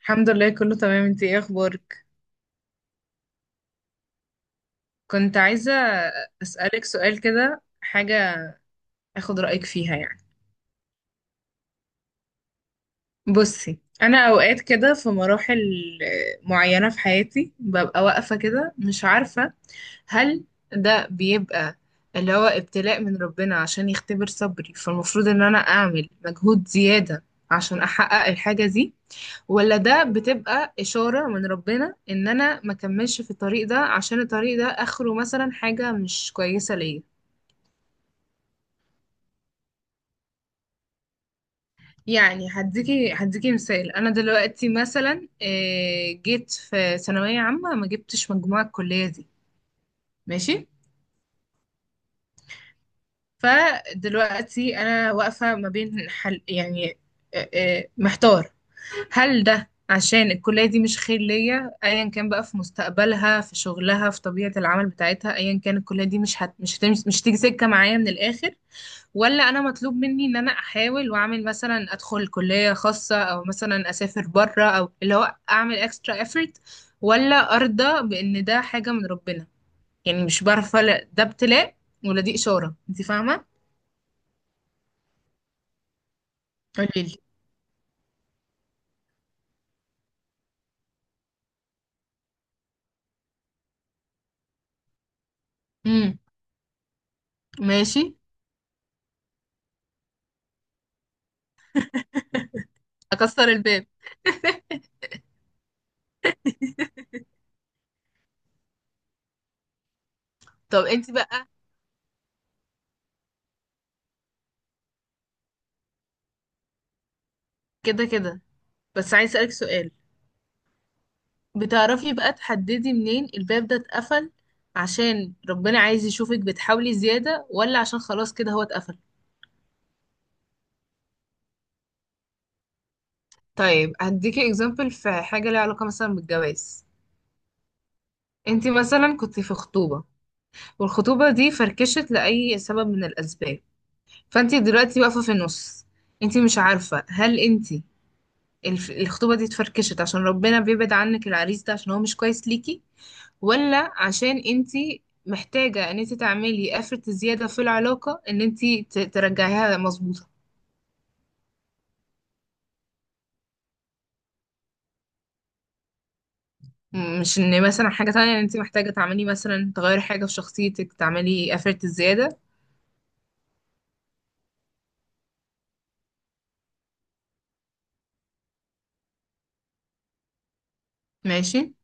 الحمد لله، كله تمام. انتي ايه اخبارك؟ كنت عايزة اسألك سؤال كده، حاجة اخد رأيك فيها يعني. بصي، انا اوقات كده في مراحل معينة في حياتي ببقى واقفة كده مش عارفة هل ده بيبقى اللي هو ابتلاء من ربنا عشان يختبر صبري، فالمفروض ان انا اعمل مجهود زيادة عشان احقق الحاجة دي، ولا ده بتبقى إشارة من ربنا إن أنا ما كملش في الطريق ده عشان الطريق ده آخره مثلا حاجة مش كويسة ليا. يعني هديكي مثال. أنا دلوقتي مثلا جيت في ثانوية عامة ما جبتش مجموعة الكلية دي. ماشي. فدلوقتي أنا واقفة ما بين حل يعني محتار. هل ده عشان الكلية دي مش خير ليا، ايا كان بقى في مستقبلها في شغلها في طبيعة العمل بتاعتها، ايا كان الكلية دي مش هت... مش هتمش... مش تيجي سكة معايا من الاخر، ولا انا مطلوب مني ان انا احاول واعمل مثلا ادخل كلية خاصة او مثلا اسافر بره او اللي هو اعمل اكسترا effort، ولا ارضى بان ده حاجة من ربنا؟ يعني مش بعرف افرق ده ابتلاء ولا دي اشارة، انت فاهمة. قوليلي. امم. ماشي. اكسر الباب. طب انت بقى. كده كده. بس عايز اسالك سؤال. بتعرفي بقى تحددي منين الباب ده اتقفل؟ عشان ربنا عايز يشوفك بتحاولي زيادة، ولا عشان خلاص كده هو اتقفل. طيب، هديكي اكزامبل في حاجة ليها علاقة مثلا بالجواز. انتي مثلا كنت في خطوبة، والخطوبة دي فركشت لأي سبب من الأسباب. فانتي دلوقتي واقفة في النص، انتي مش عارفة هل انتي الخطوبة دي اتفركشت عشان ربنا بيبعد عنك العريس ده عشان هو مش كويس ليكي، ولا عشان انت محتاجة ان انت تعملي افرت زيادة في العلاقة ان انت ترجعيها مظبوطة. مش ان مثلا حاجة تانية ان انت محتاجة تعملي مثلا تغيري حاجة في شخصيتك، تعملي افرت زيادة. ماشي.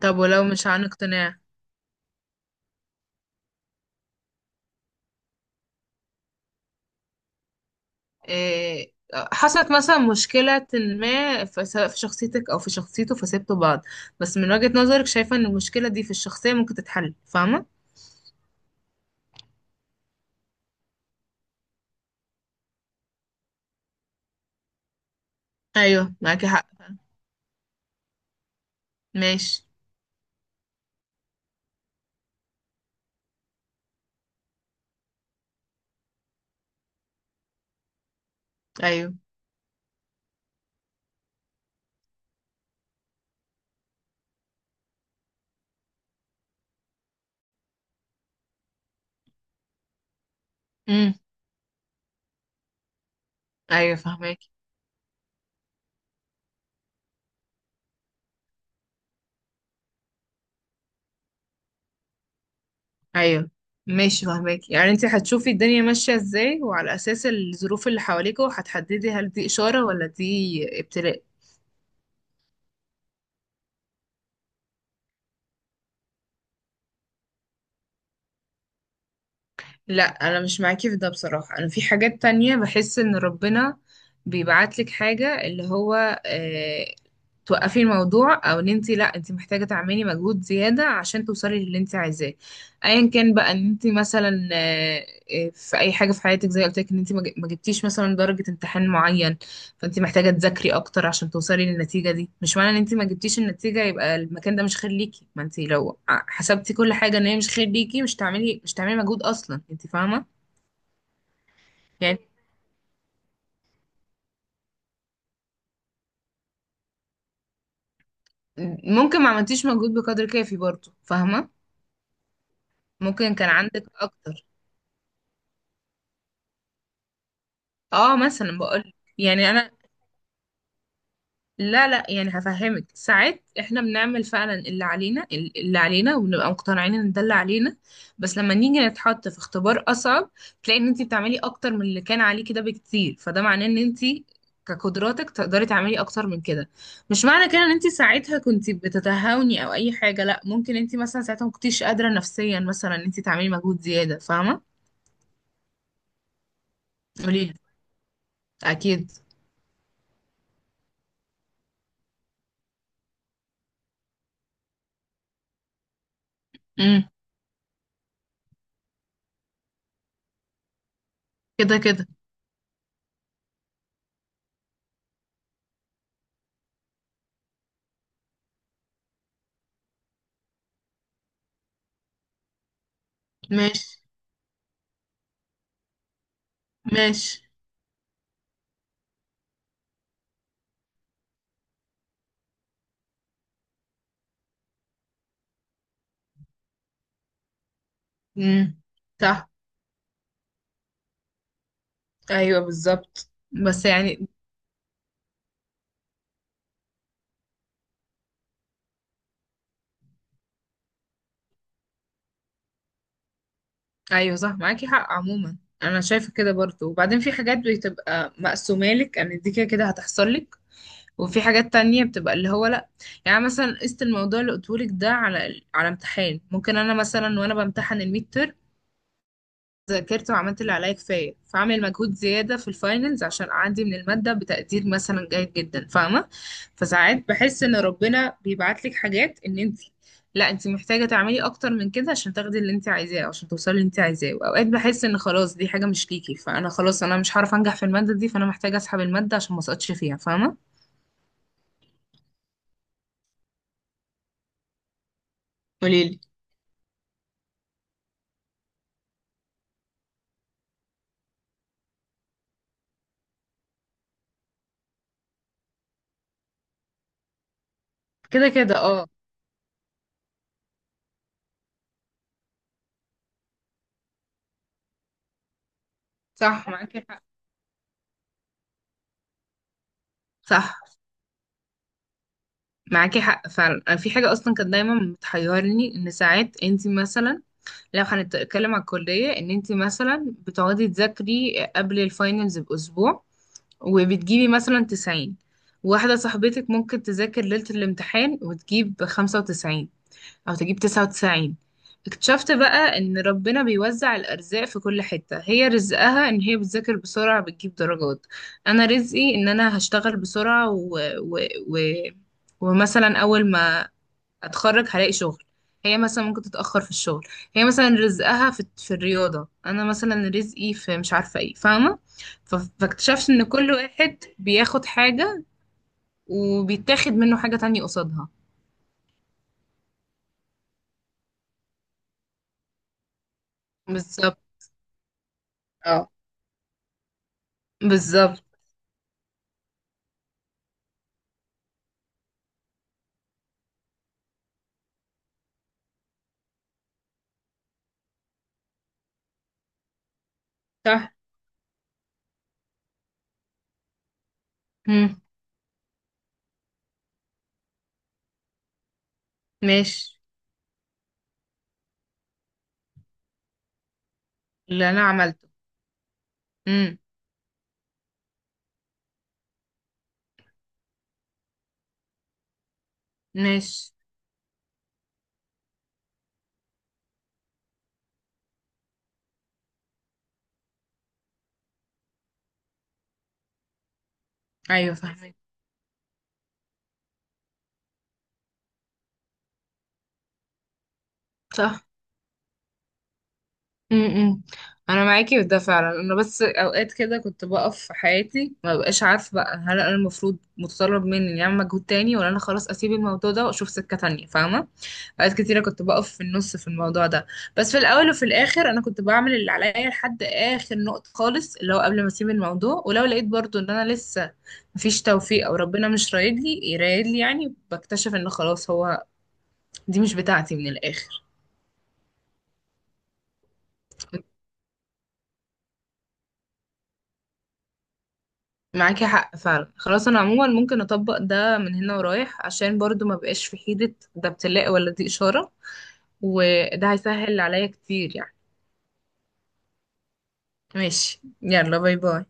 طب ولو مش عن اقتناع؟ إيه، حصلت مثلا مشكلة ما في سواء في شخصيتك او في شخصيته، فسبتوا بعض، بس من وجهة نظرك شايفة ان المشكلة دي في الشخصية ممكن تتحل، فاهمة. ايوه معاكي حق. ماشي. ايوه. امم. ايوه فاهمك. ايوه. ماشي فاهمك، يعني انت هتشوفي الدنيا ماشية ازاي، وعلى اساس الظروف اللي حواليك هتحددي هل دي اشارة ولا دي ابتلاء. لا انا مش معاكي في ده بصراحة. انا في حاجات تانية بحس ان ربنا بيبعتلك حاجة اللي هو اه توقفي الموضوع، او ان انت لا انت محتاجة تعملي مجهود زيادة عشان توصلي للي انت عايزاه، ايا كان بقى ان انت مثلا في اي حاجة في حياتك. زي قلت لك ان انت ما جبتيش مثلا درجة امتحان معين، فانت محتاجة تذاكري اكتر عشان توصلي للنتيجة دي. مش معنى ان انت ما جبتيش النتيجة يبقى المكان ده مش خير ليكي. ما انت لو حسبتي كل حاجة ان هي مش خير ليكي مش تعملي مجهود اصلا، انت فاهمة. يعني ممكن ما عملتيش مجهود بقدر كافي برضه، فاهمة. ممكن كان عندك اكتر. اه مثلا بقول يعني انا، لا لا يعني هفهمك، ساعات احنا بنعمل فعلا اللي علينا وبنبقى مقتنعين ان ده اللي علينا، بس لما نيجي نتحط في اختبار اصعب تلاقي ان انت بتعملي اكتر من اللي كان عليه كده بكتير، فده معناه ان انت كقدراتك تقدري تعملي اكتر من كده. مش معنى كده ان انت ساعتها كنت بتتهاوني او اي حاجه، لا ممكن انت مثلا ساعتها ما كنتيش قادره نفسيا مثلا ان انت تعملي مجهود زياده، فاهمه. قوليلي. اكيد. امم. كده كده. ماشي. ماشي. امم. صح. ايوه بالظبط، بس يعني. ايوه صح معاكي حق عموما. انا شايفه كده برضو. وبعدين في حاجات بتبقى مقسومه لك ان دي كده كده هتحصل لك، وفي حاجات تانية بتبقى اللي هو لا. يعني مثلا قست الموضوع اللي قلتهولك ده على على امتحان، ممكن انا مثلا وانا بمتحن الميد ذاكرت وعملت اللي عليا كفاية، فاعمل مجهود زيادة في الفاينلز عشان أعدي من المادة بتقدير مثلا جيد جدا، فاهمة. فساعات بحس إن ربنا بيبعت لك حاجات إن أنت لا أنت محتاجة تعملي أكتر من كده عشان تاخدي اللي أنت عايزاه، أو عشان توصلي اللي أنت عايزاه. وأوقات بحس إن خلاص دي حاجة مش ليكي، فأنا خلاص أنا مش هعرف أنجح في المادة دي، فأنا محتاجة أسحب المادة عشان ما أسقطش فيها، فاهمة. قوليلي. كده كده اه. صح معاكي حق. صح معاكي حق فعلا. أنا في حاجة أصلا كانت دايما بتحيرني إن ساعات أنت مثلا، لو هنتكلم على الكلية، ان انت مثلا بتقعدي تذاكري قبل الفاينلز بأسبوع وبتجيبي مثلا 90، واحدة صاحبتك ممكن تذاكر ليلة الامتحان وتجيب 95 أو تجيب 99. اكتشفت بقى ان ربنا بيوزع الأرزاق في كل حتة، هي رزقها ان هي بتذاكر بسرعة بتجيب درجات، أنا رزقي ان أنا هشتغل بسرعة و... ومثلا أول ما اتخرج هلاقي شغل، هي مثلا ممكن تتأخر في الشغل. هي مثلا رزقها في الرياضة، انا مثلا رزقي في مش عارفة ايه، فاهمة. ف- فاكتشفت ان كل واحد بياخد حاجة وبيتاخد منه حاجة تانية قصادها. بالظبط. اه بالظبط. صح. مم. ماشي. اللي انا عملته. مم. ماشي. ايوه فاهمك. صح. امم. انا معاكي في ده فعلا، انا بس اوقات كده كنت بقف في حياتي ما بقاش عارفه بقى هل انا المفروض متطلب مني اني اعمل مجهود تاني، ولا انا خلاص اسيب الموضوع ده واشوف سكه تانية، فاهمه. اوقات كتيره كنت بقف في النص في الموضوع ده، بس في الاول وفي الاخر انا كنت بعمل اللي عليا لحد اخر نقطه خالص اللي هو قبل ما اسيب الموضوع، ولو لقيت برضو ان انا لسه مفيش توفيق او ربنا مش رايد لي يرايد لي يعني، بكتشف ان خلاص هو دي مش بتاعتي من الاخر. معاكي حق فعلا. خلاص انا عموما ممكن اطبق ده من هنا ورايح، عشان برضو ما بقاش في حيرة ده ابتلاء ولا دي اشارة. وده هيسهل عليا كتير يعني. ماشي. يلا باي باي.